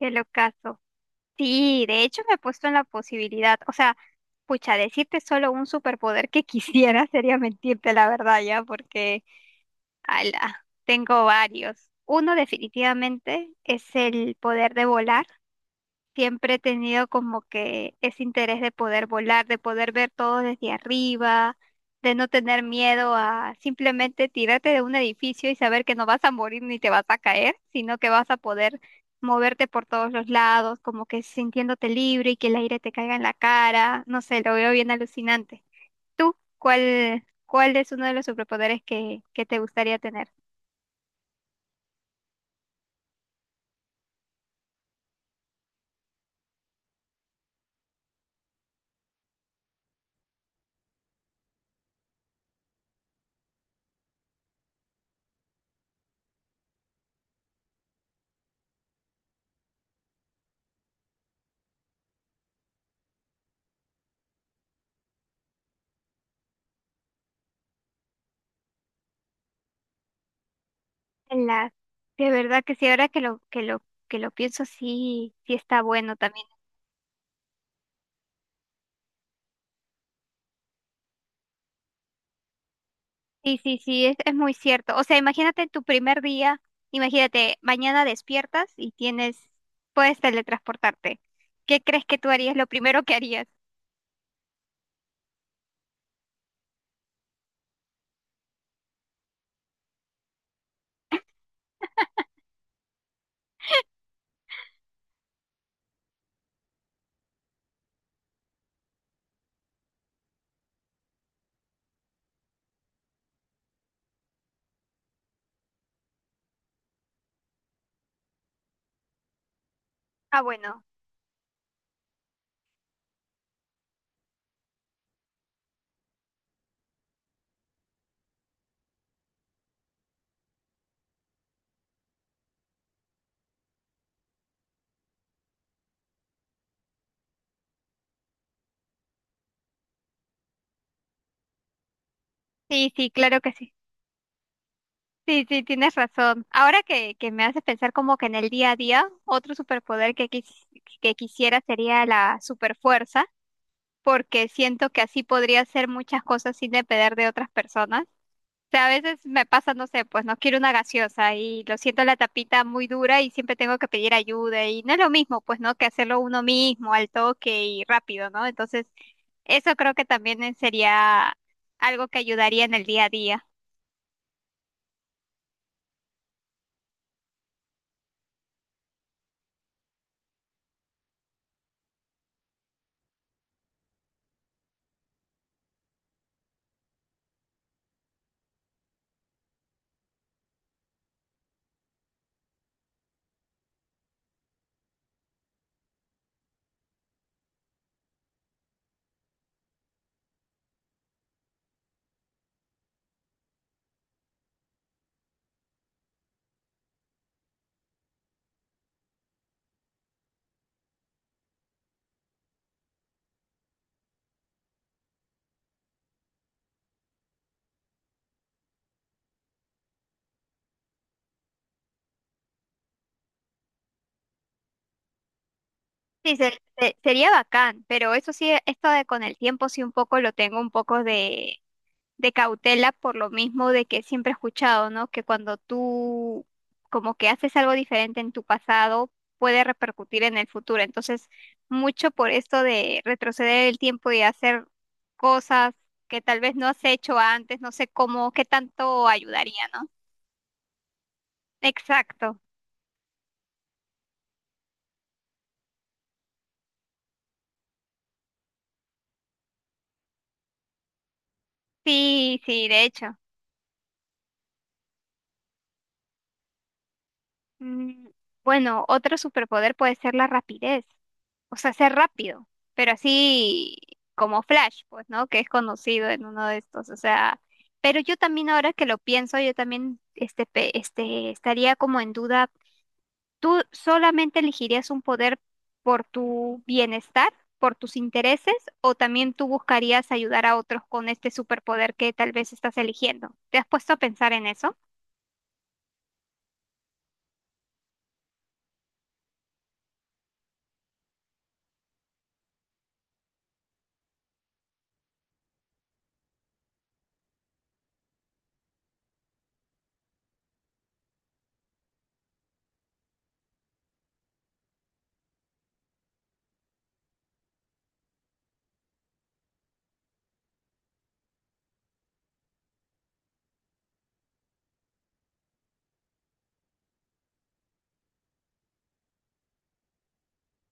El ocaso. Sí, de hecho me he puesto en la posibilidad, o sea, pucha, decirte solo un superpoder que quisiera sería mentirte la verdad ya, porque, ala, tengo varios. Uno definitivamente es el poder de volar. Siempre he tenido como que ese interés de poder volar, de poder ver todo desde arriba, de no tener miedo a simplemente tirarte de un edificio y saber que no vas a morir ni te vas a caer, sino que vas a poder moverte por todos los lados, como que sintiéndote libre y que el aire te caiga en la cara. No sé, lo veo bien alucinante. ¿Tú cuál es uno de los superpoderes que te gustaría tener? La, de verdad que sí, ahora que lo pienso, sí, sí está bueno también. Sí, sí, sí, es muy cierto. O sea, imagínate tu primer día, imagínate, mañana despiertas y tienes, puedes teletransportarte. ¿Qué crees que tú harías? Lo primero que harías. Ah, bueno. Sí, sí, claro que sí. Sí, sí, tienes razón. Ahora que me haces pensar como que en el día a día, otro superpoder que quisiera sería la superfuerza, porque siento que así podría hacer muchas cosas sin depender de otras personas. Sea, a veces me pasa, no sé, pues no quiero una gaseosa y lo siento la tapita muy dura y siempre tengo que pedir ayuda y no es lo mismo, pues, ¿no? Que hacerlo uno mismo al toque y rápido, ¿no? Entonces, eso creo que también sería algo que ayudaría en el día a día. Sí, sería bacán, pero eso sí, esto de con el tiempo sí un poco lo tengo un poco de cautela por lo mismo de que siempre he escuchado, ¿no? Que cuando tú como que haces algo diferente en tu pasado, puede repercutir en el futuro. Entonces, mucho por esto de retroceder el tiempo y hacer cosas que tal vez no has hecho antes, no sé cómo, qué tanto ayudaría, ¿no? Exacto. Sí, sí, de hecho. Mm, Bueno, otro superpoder puede ser la rapidez, o sea, ser rápido, pero así como Flash, pues, ¿no? Que es conocido en uno de estos, o sea, pero yo también ahora que lo pienso, yo también estaría como en duda. ¿Tú solamente elegirías un poder por tu bienestar, por tus intereses, o también tú buscarías ayudar a otros con este superpoder que tal vez estás eligiendo? ¿Te has puesto a pensar en eso?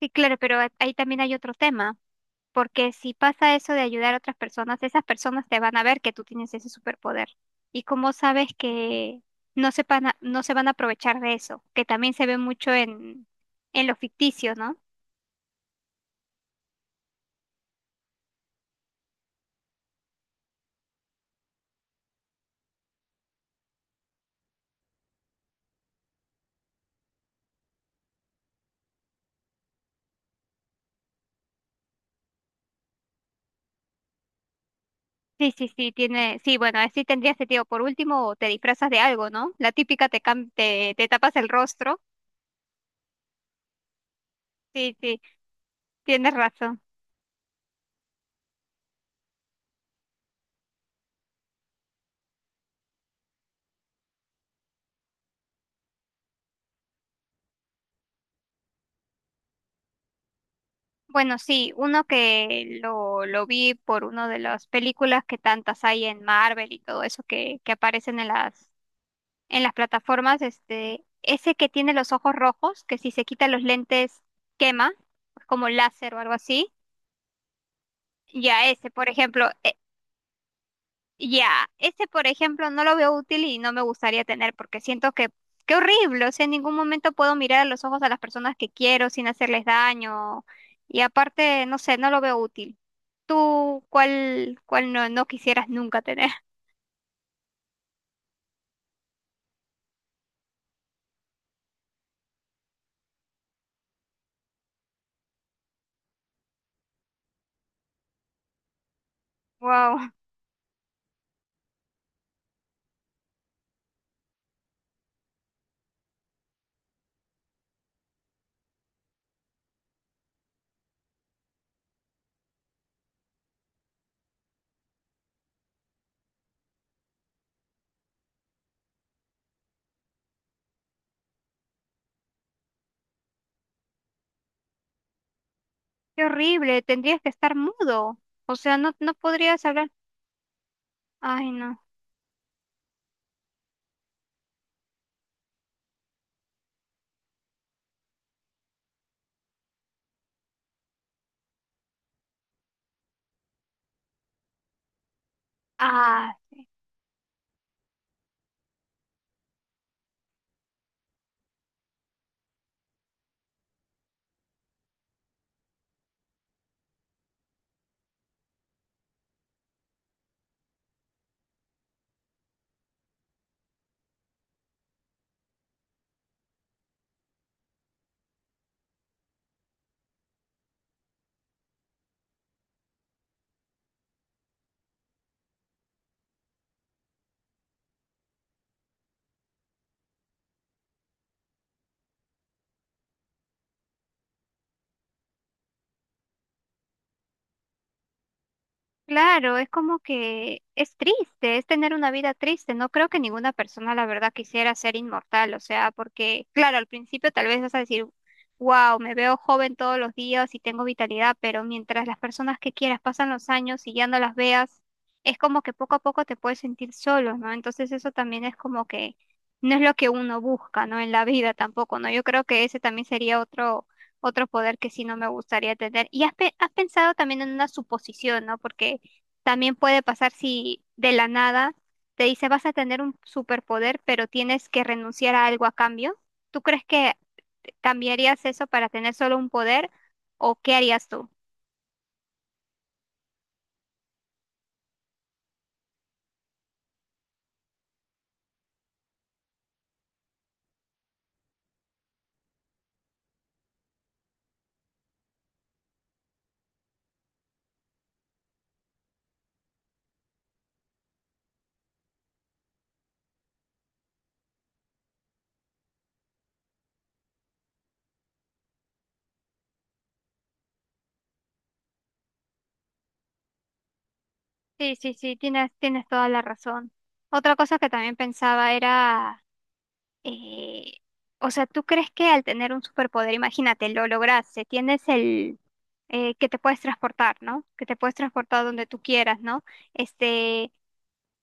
Sí, claro, pero ahí también hay otro tema. Porque si pasa eso de ayudar a otras personas, esas personas te van a ver que tú tienes ese superpoder. Y como sabes que no sepan, no se van a aprovechar de eso, que también se ve mucho en lo ficticio, ¿no? Sí, sí, sí, tiene, sí, bueno, así tendría sentido. Por último, te disfrazas de algo, ¿no? La típica te tapas el rostro. Sí, sí, tienes razón. Bueno, sí, uno que lo vi por una de las películas que tantas hay en Marvel y todo eso que aparecen en las plataformas, este, ese que tiene los ojos rojos, que si se quita los lentes quema, como láser o algo así. Ya ese, por ejemplo, ya ese, por ejemplo, no lo veo útil y no me gustaría tener porque siento que qué horrible, o sea, en ningún momento puedo mirar a los ojos a las personas que quiero sin hacerles daño y aparte, no sé, no lo veo útil. ¿Tú cuál no, no quisieras nunca tener? Wow, qué horrible, tendrías que estar mudo. O sea, no, no podrías hablar. Ay, no. Ah, sí. Claro, es como que es triste, es tener una vida triste. No creo que ninguna persona, la verdad, quisiera ser inmortal. O sea, porque, claro, al principio tal vez vas a decir, wow, me veo joven todos los días y tengo vitalidad, pero mientras las personas que quieras pasan los años y ya no las veas, es como que poco a poco te puedes sentir solo, ¿no? Entonces eso también es como que no es lo que uno busca, ¿no? En la vida tampoco, ¿no? Yo creo que ese también sería otro poder que sí no me gustaría tener. Y has pensado también en una suposición, ¿no? Porque también puede pasar si de la nada te dice vas a tener un superpoder, pero tienes que renunciar a algo a cambio. ¿Tú crees que cambiarías eso para tener solo un poder o qué harías tú? Sí, sí, sí, tienes toda la razón. Otra cosa que también pensaba era, eh, o sea, ¿tú crees que al tener un superpoder, imagínate, lo lograste, tienes el que te puedes transportar, ¿no? Que te puedes transportar donde tú quieras, ¿no? Este,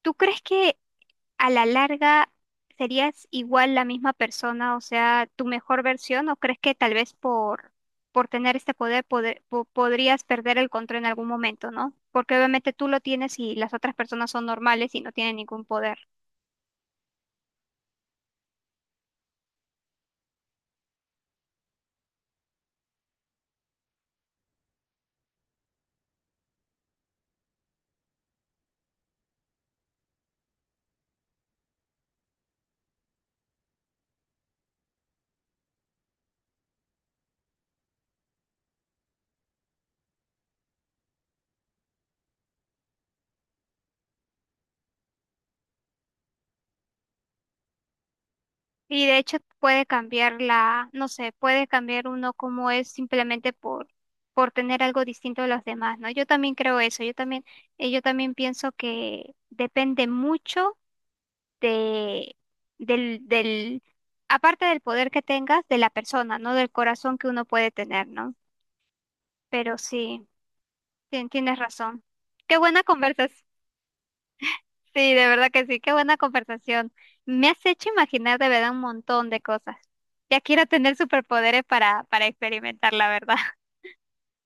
¿Tú crees que a la larga serías igual la misma persona, o sea, tu mejor versión, o crees que tal vez por tener este poder, podrías perder el control en algún momento, ¿no? Porque obviamente tú lo tienes y las otras personas son normales y no tienen ningún poder. Y de hecho puede cambiar la, no sé, puede cambiar uno como es simplemente por tener algo distinto de los demás, ¿no? Yo también creo eso, yo también pienso que depende mucho de, del, aparte del poder que tengas, de la persona, ¿no? Del corazón que uno puede tener, ¿no? Pero sí, tienes razón. Qué buena conversación. Sí, de verdad que sí, qué buena conversación. Me has hecho imaginar de verdad un montón de cosas. Ya quiero tener superpoderes para experimentar, la verdad.